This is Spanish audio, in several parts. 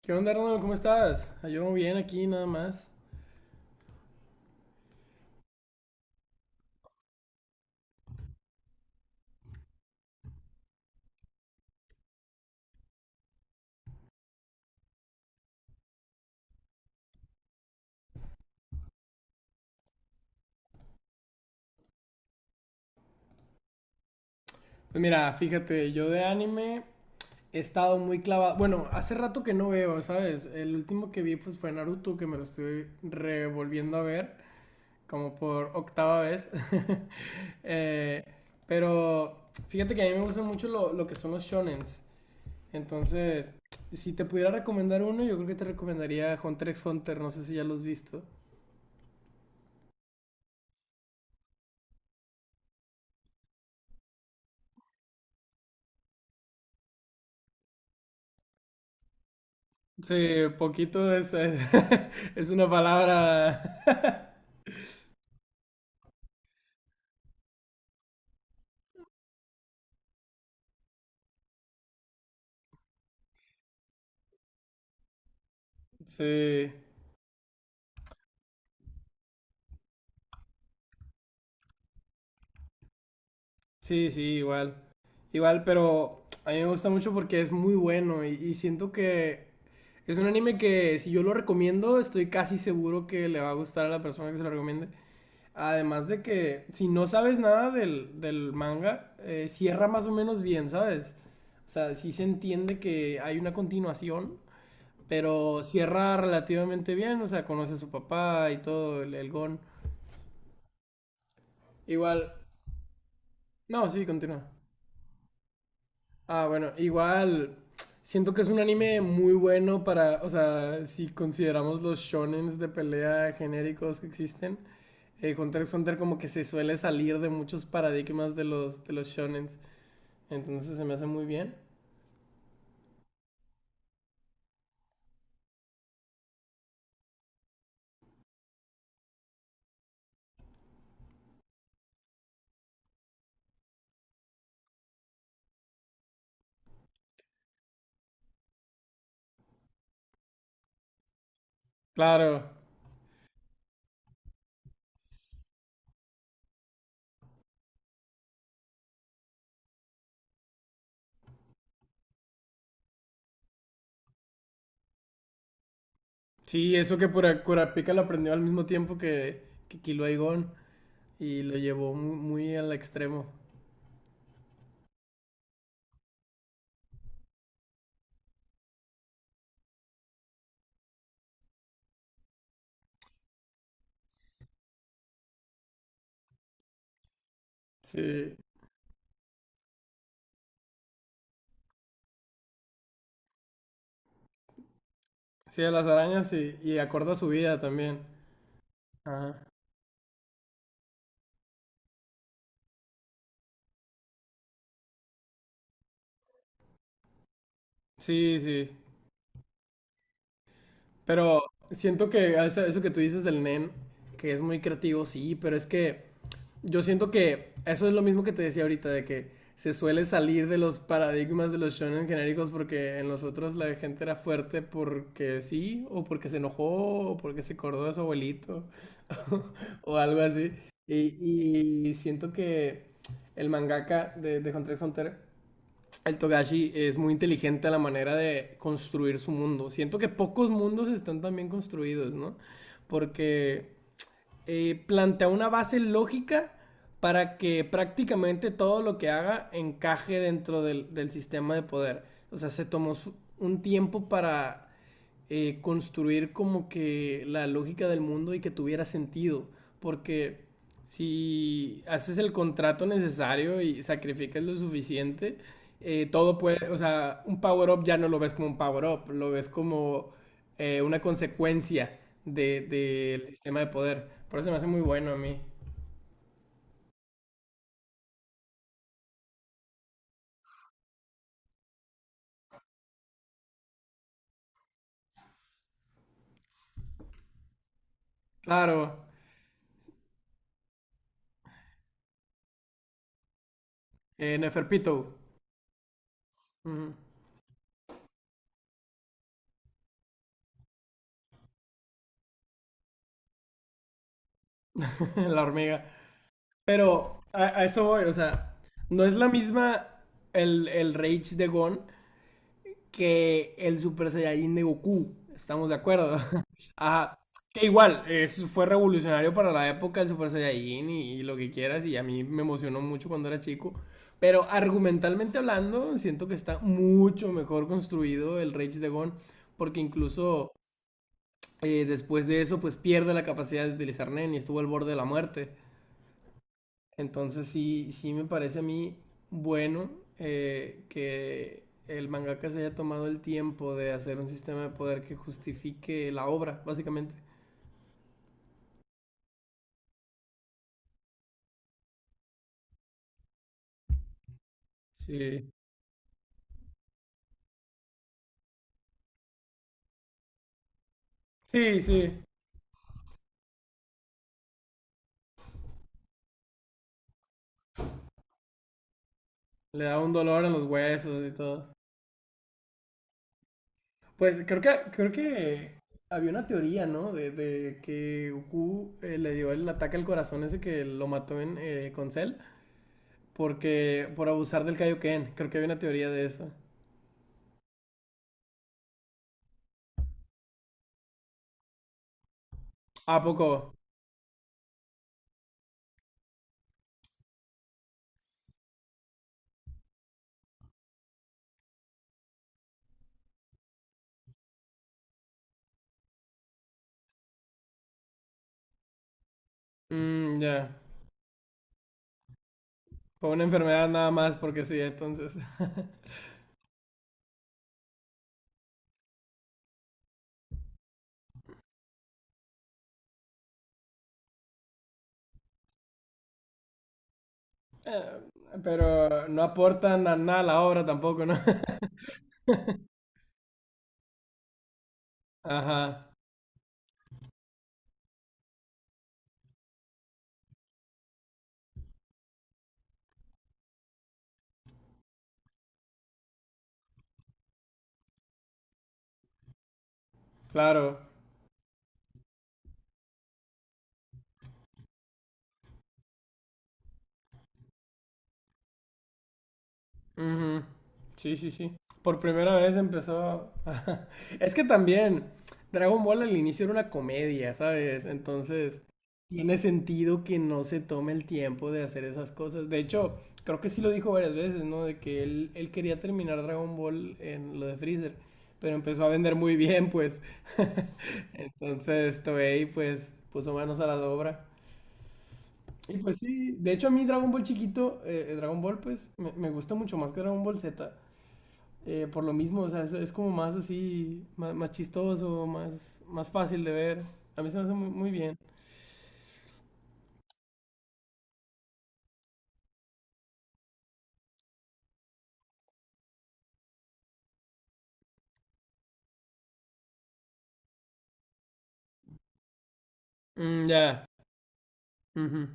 ¿Qué onda, Arnold? ¿Cómo estás? Yo bien aquí, nada más. Pues mira, fíjate, yo de anime he estado muy clavado. Bueno, hace rato que no veo, ¿sabes? El último que vi pues, fue Naruto, que me lo estoy revolviendo a ver, como por octava vez. Eh, pero fíjate que a mí me gustan mucho lo que son los shonens. Entonces, si te pudiera recomendar uno, yo creo que te recomendaría Hunter x Hunter. No sé si ya lo has visto. Sí, poquito es, es una palabra. Sí, sí, sí, igual. Igual, pero a mí me gusta mucho porque es muy bueno y siento que es un anime que si yo lo recomiendo, estoy casi seguro que le va a gustar a la persona que se lo recomiende. Además de que si no sabes nada del manga, cierra más o menos bien, ¿sabes? O sea, sí se entiende que hay una continuación, pero cierra relativamente bien, o sea, conoce a su papá y todo, el Gon. Igual, no, sí, continúa. Ah, bueno, igual siento que es un anime muy bueno para, o sea, si consideramos los shonens de pelea genéricos que existen, Hunter x Hunter como que se suele salir de muchos paradigmas de de los shonens, entonces se me hace muy bien. Claro, sí, eso que por Kurapika lo aprendió al mismo tiempo que Kilo Aigon y lo llevó muy, muy al extremo. Sí, sí, a las arañas sí, y acorde a su vida también. Ajá. Sí, sí. Pero siento que eso que tú dices del nen, que es muy creativo, sí, pero es que yo siento que eso es lo mismo que te decía ahorita, de que se suele salir de los paradigmas de los shonen genéricos porque en los otros la gente era fuerte porque sí, o porque se enojó, o porque se acordó de su abuelito, o algo así. Y siento que el mangaka de Hunter x Hunter, el Togashi, es muy inteligente a la manera de construir su mundo. Siento que pocos mundos están tan bien construidos, ¿no? Porque plantea una base lógica para que prácticamente todo lo que haga encaje dentro del sistema de poder. O sea, se tomó un tiempo para construir como que la lógica del mundo y que tuviera sentido. Porque si haces el contrato necesario y sacrificas lo suficiente, todo puede, o sea, un power-up ya no lo ves como un power-up, lo ves como una consecuencia del sistema de poder. Por eso me hace muy bueno a mí. Claro, Neferpito. Ujú. La hormiga. Pero a eso voy, o sea, no es la misma el rage de Gon que el Super Saiyajin de Goku. Estamos de acuerdo. Ajá. Que igual, fue revolucionario para la época el Super Saiyajin y lo que quieras, y a mí me emocionó mucho cuando era chico. Pero argumentalmente hablando, siento que está mucho mejor construido el Rage de, porque incluso después de eso, pues pierde la capacidad de utilizar Nen y estuvo al borde de la muerte. Entonces sí, sí me parece a mí bueno que el mangaka se haya tomado el tiempo de hacer un sistema de poder que justifique la obra, básicamente. Sí, sí, sí. Le da un dolor en los huesos y todo. Pues creo que había una teoría, ¿no? De que Goku le dio el ataque al corazón ese que lo mató en, con Cell porque por abusar del Kaioken. Creo que había una teoría de eso. ¿A poco? Mm, ya. Por una enfermedad nada más, porque sí, entonces. Eh, pero no aportan a nada a la obra tampoco, ¿no? Ajá, claro. Ujú. Sí, sí, sí. Por primera vez empezó... Es que también Dragon Ball al inicio era una comedia, ¿sabes? Entonces tiene sentido que no se tome el tiempo de hacer esas cosas. De hecho, creo que sí lo dijo varias veces, ¿no? De que él quería terminar Dragon Ball en lo de Freezer, pero empezó a vender muy bien, pues. Entonces Toei, pues, puso manos a la obra. Y pues sí, de hecho a mí Dragon Ball chiquito, Dragon Ball pues me gusta mucho más que Dragon Ball Z, por lo mismo, o sea, es como más así, más, más chistoso, más, más fácil de ver. A mí se me hace muy, muy bien. Mm, ya. Ujú.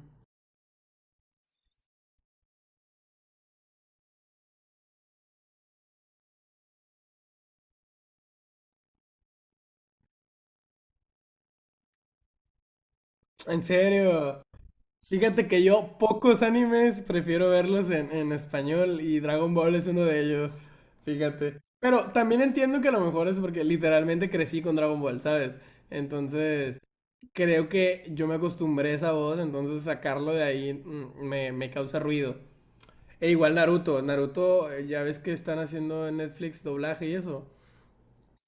En serio. Fíjate que yo pocos animes prefiero verlos en español y Dragon Ball es uno de ellos. Fíjate. Pero también entiendo que a lo mejor es porque literalmente crecí con Dragon Ball, ¿sabes? Entonces, creo que yo me acostumbré a esa voz, entonces sacarlo de ahí mm, me causa ruido. E igual Naruto, ya ves que están haciendo en Netflix doblaje y eso.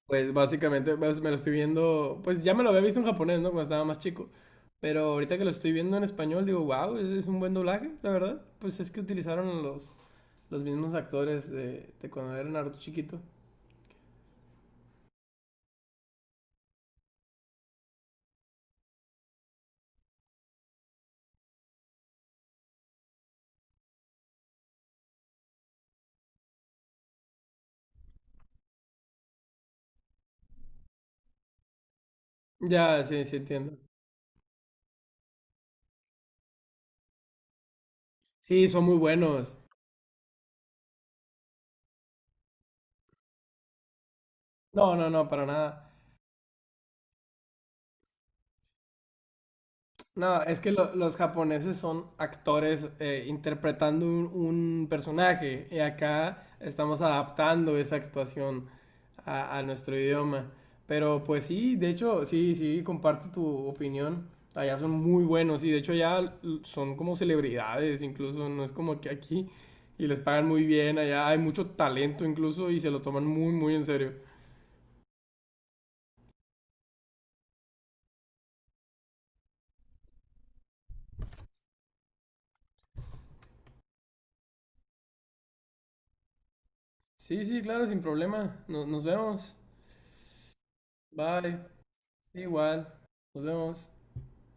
Pues básicamente pues, me lo estoy viendo, pues ya me lo había visto en japonés, ¿no? Cuando estaba más chico. Pero ahorita que lo estoy viendo en español, digo, wow, es un buen doblaje, la verdad. Pues es que utilizaron a los mismos actores de cuando era Naruto chiquito. Ya, sí, sí entiendo. Sí, son muy buenos. No, no, no, para nada. No, es que los japoneses son actores interpretando un personaje y acá estamos adaptando esa actuación a nuestro idioma. Pero pues sí, de hecho, sí, sí, comparto tu opinión. Allá son muy buenos y de hecho allá son como celebridades, incluso no es como que aquí y les pagan muy bien, allá hay mucho talento incluso y se lo toman muy, muy en serio. Sí, sí, claro, sin problema. Nos vemos. Bye. Igual. Nos vemos.